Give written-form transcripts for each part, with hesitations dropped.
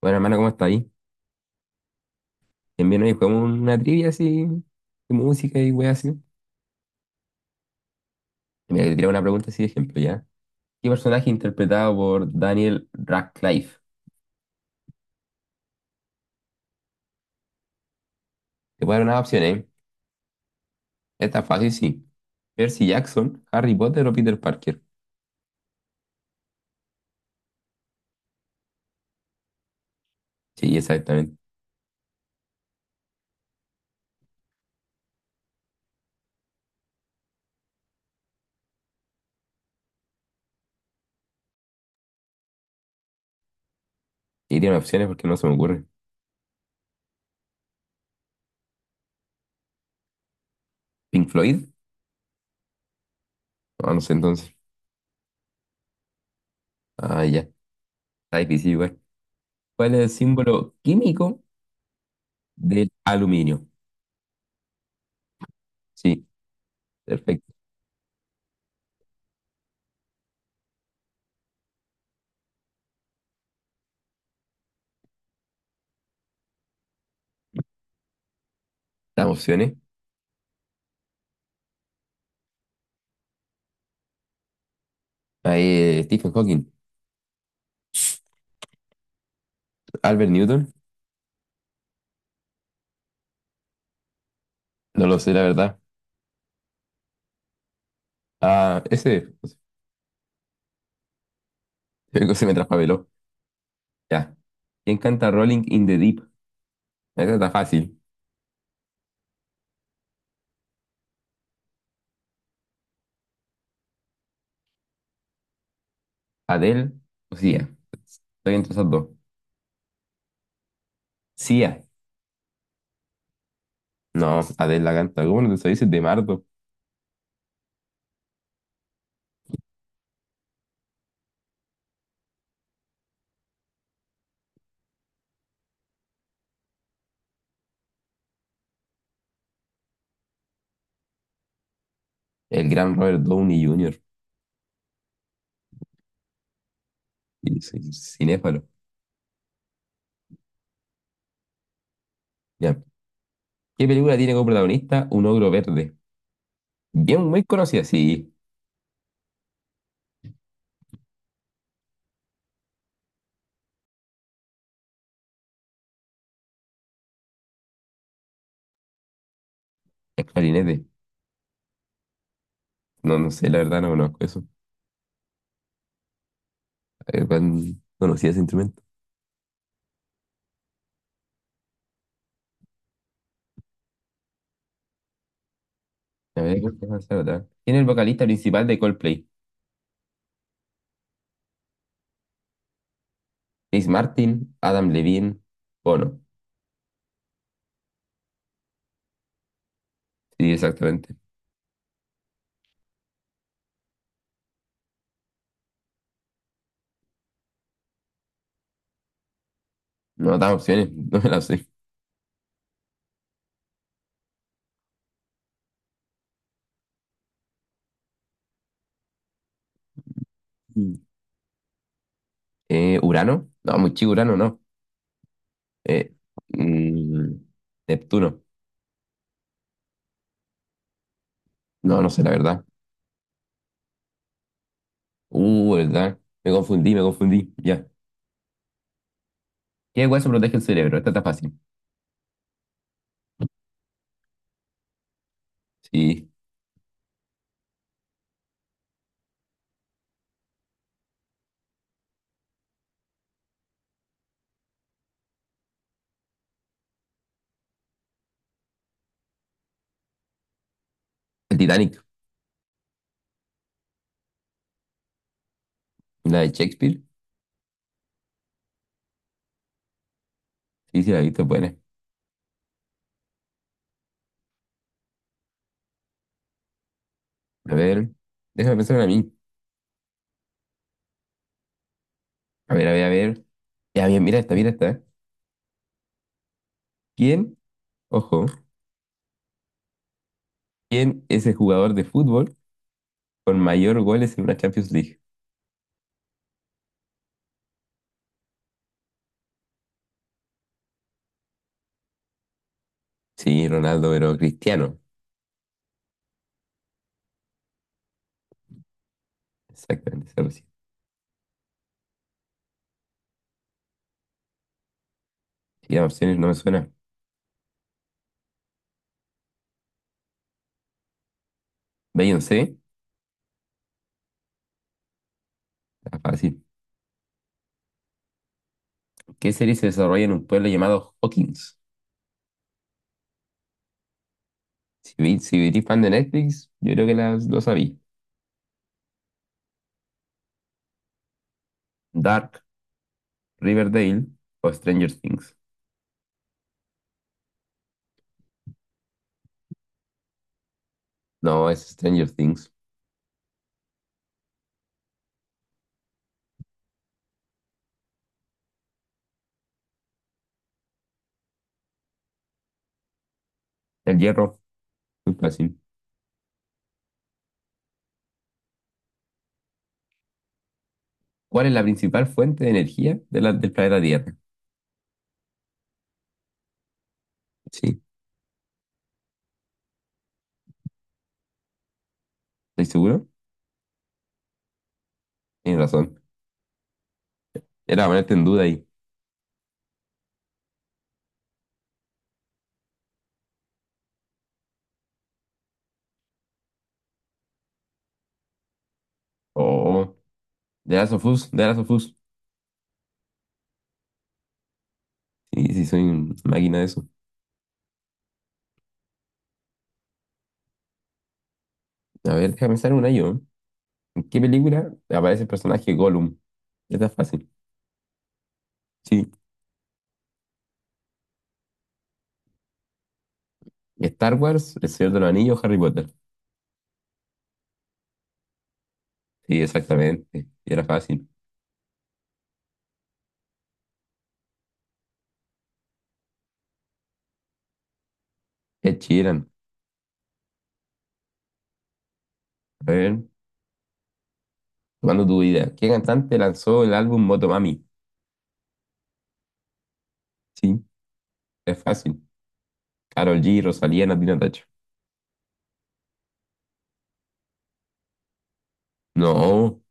Bueno, hermano, ¿cómo está ahí? Bien, bien, hoy jugamos una trivia así, de música y weas así. Y Mira, te tiré una pregunta así de ejemplo, ¿ya? ¿Qué personaje interpretado por Daniel Radcliffe? Te voy a dar unas opciones, ¿eh? Esta es fácil, sí. Percy Jackson, Harry Potter o Peter Parker. Sí, exactamente. Y tiene opciones porque no se me ocurre. ¿Pink Floyd? No, no sé entonces. Ah, ya. Está difícil igual. ¿Cuál es el símbolo químico del aluminio? Sí, perfecto. Las opciones. Ahí, Stephen Hawking, Albert Newton. No lo sé, la verdad. Ah, ese, creo se me traspapeló. Ya. ¿Quién canta Rolling in the Deep? Esa está fácil. ¿Adele o Sia? Estoy entre esas dos. Sia. No, Adele la canta. ¿Cómo no te sabes Es de Mardo? El gran Robert Downey Jr. Y soy cinéfalo. Ya. ¿Qué película tiene como protagonista un ogro verde? Bien, muy conocida, sí. Es clarinete. No, no sé, la verdad no conozco eso. Tan conocida ese instrumento. A ver, ¿cuál puede ser otra? ¿Quién es el vocalista principal de Coldplay? Chris Martin, Adam Levine, Bono. Sí, exactamente. No dan opciones, no me las sé. Mm. ¿Urano? No, muy chico Urano, no. Eh, mm, Neptuno. No, no sé, la verdad. Verdad. Me confundí, me confundí. Ya. ¿Qué hueso protege el cerebro? Esta está fácil. Sí. El Titanic. La de Shakespeare. Sí, sí, la he visto, es buena. A ver. Déjame pensar en a mí. A ver, a ver, a ver. Ya, bien, mira esta, mira esta. ¿Quién, ojo, quién es el jugador de fútbol con mayor goles en una Champions League? Sí, Ronaldo, pero Cristiano. Exactamente, esa recién. Y las opciones no me suena. Beyoncé, está fácil. ¿Qué serie se desarrolla en un pueblo llamado Hawkins? Si, vi, si eres fan de Netflix, yo creo que lo sabí. Dark, Riverdale o Stranger Things. No, es Stranger Things. El hierro, muy fácil. ¿Cuál es la principal fuente de energía de del planeta Tierra? Sí, ¿estoy seguro? Tienes razón. Era ponerte en duda ahí. Oh, de Last of Us, The Last of Us. Sí, sí, soy una máquina de eso. A ver, déjame pensar una yo. ¿En qué película aparece el personaje Gollum? Esta es fácil. Sí, Star Wars, El Señor de los Anillos, Harry Potter. Sí, exactamente. Era fácil. Ed Sheeran. A ver, tomando tu idea. ¿Qué cantante lanzó el álbum Motomami? Sí, es fácil. Karol G, Rosalía, Natina Tacho. No,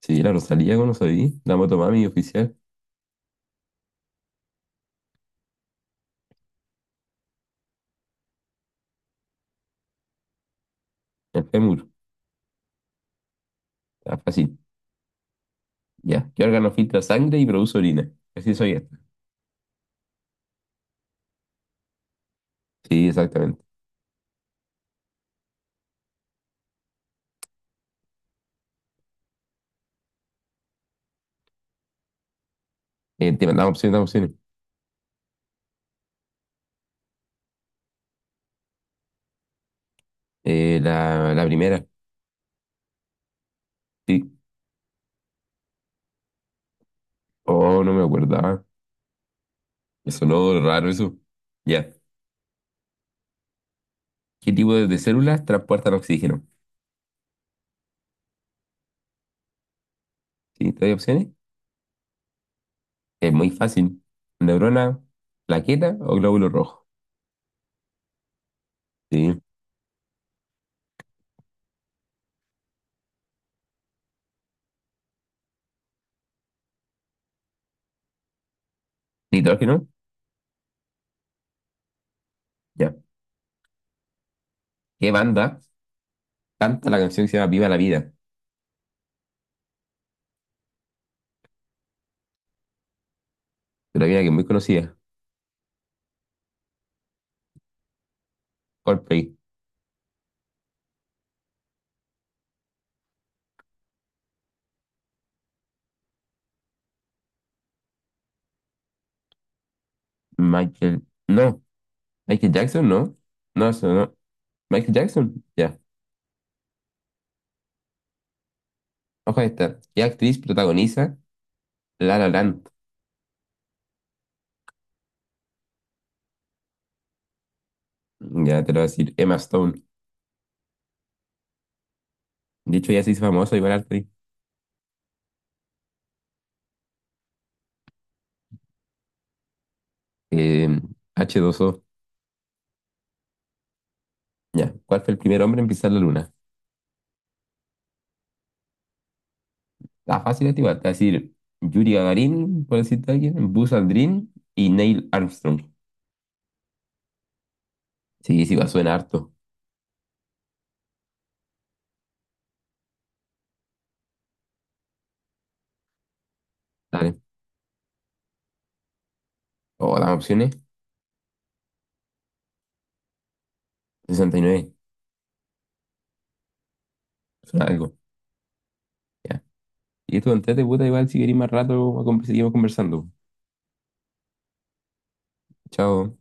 sí, la Rosalía, ¿cómo no sabía? La Motomami oficial. El fémur. Era fácil. Ya. ¿Qué órgano filtra sangre y produce orina? Así soy esta. Sí, exactamente. Te mandamos opciones, damos opciones. La primera. Sí. Oh, no me acordaba. Me sonó raro eso. Ya. ¿Qué tipo de células transportan oxígeno? ¿Sí? ¿Te doy opciones? Es muy fácil. ¿Neurona, plaqueta o glóbulo rojo? Sí. ¿Nitrógeno? Ya. ¿Qué banda canta la canción que se llama Viva la Vida? De la vida que es muy conocida. Coldplay. Michael. No. Michael Jackson, no. No, eso no. Michael Jackson. Ya. Ojo a esta. ¿Qué actriz protagoniza La La Land? Ya te lo voy a decir. Emma Stone. De hecho, ya se hizo famosa igual actriz. Eh, H2O. Ya. ¿Cuál fue el primer hombre en pisar la luna? La fácil es igual, te voy a decir Yuri Gagarin, por decirte alguien, Buzz Aldrin y Neil Armstrong. Sí, sí, va, suena harto. Dale. O las opciones, 69, suena algo. Ya. Y esto, entrete, puta, igual si queréis más rato, seguimos conversando. Chao.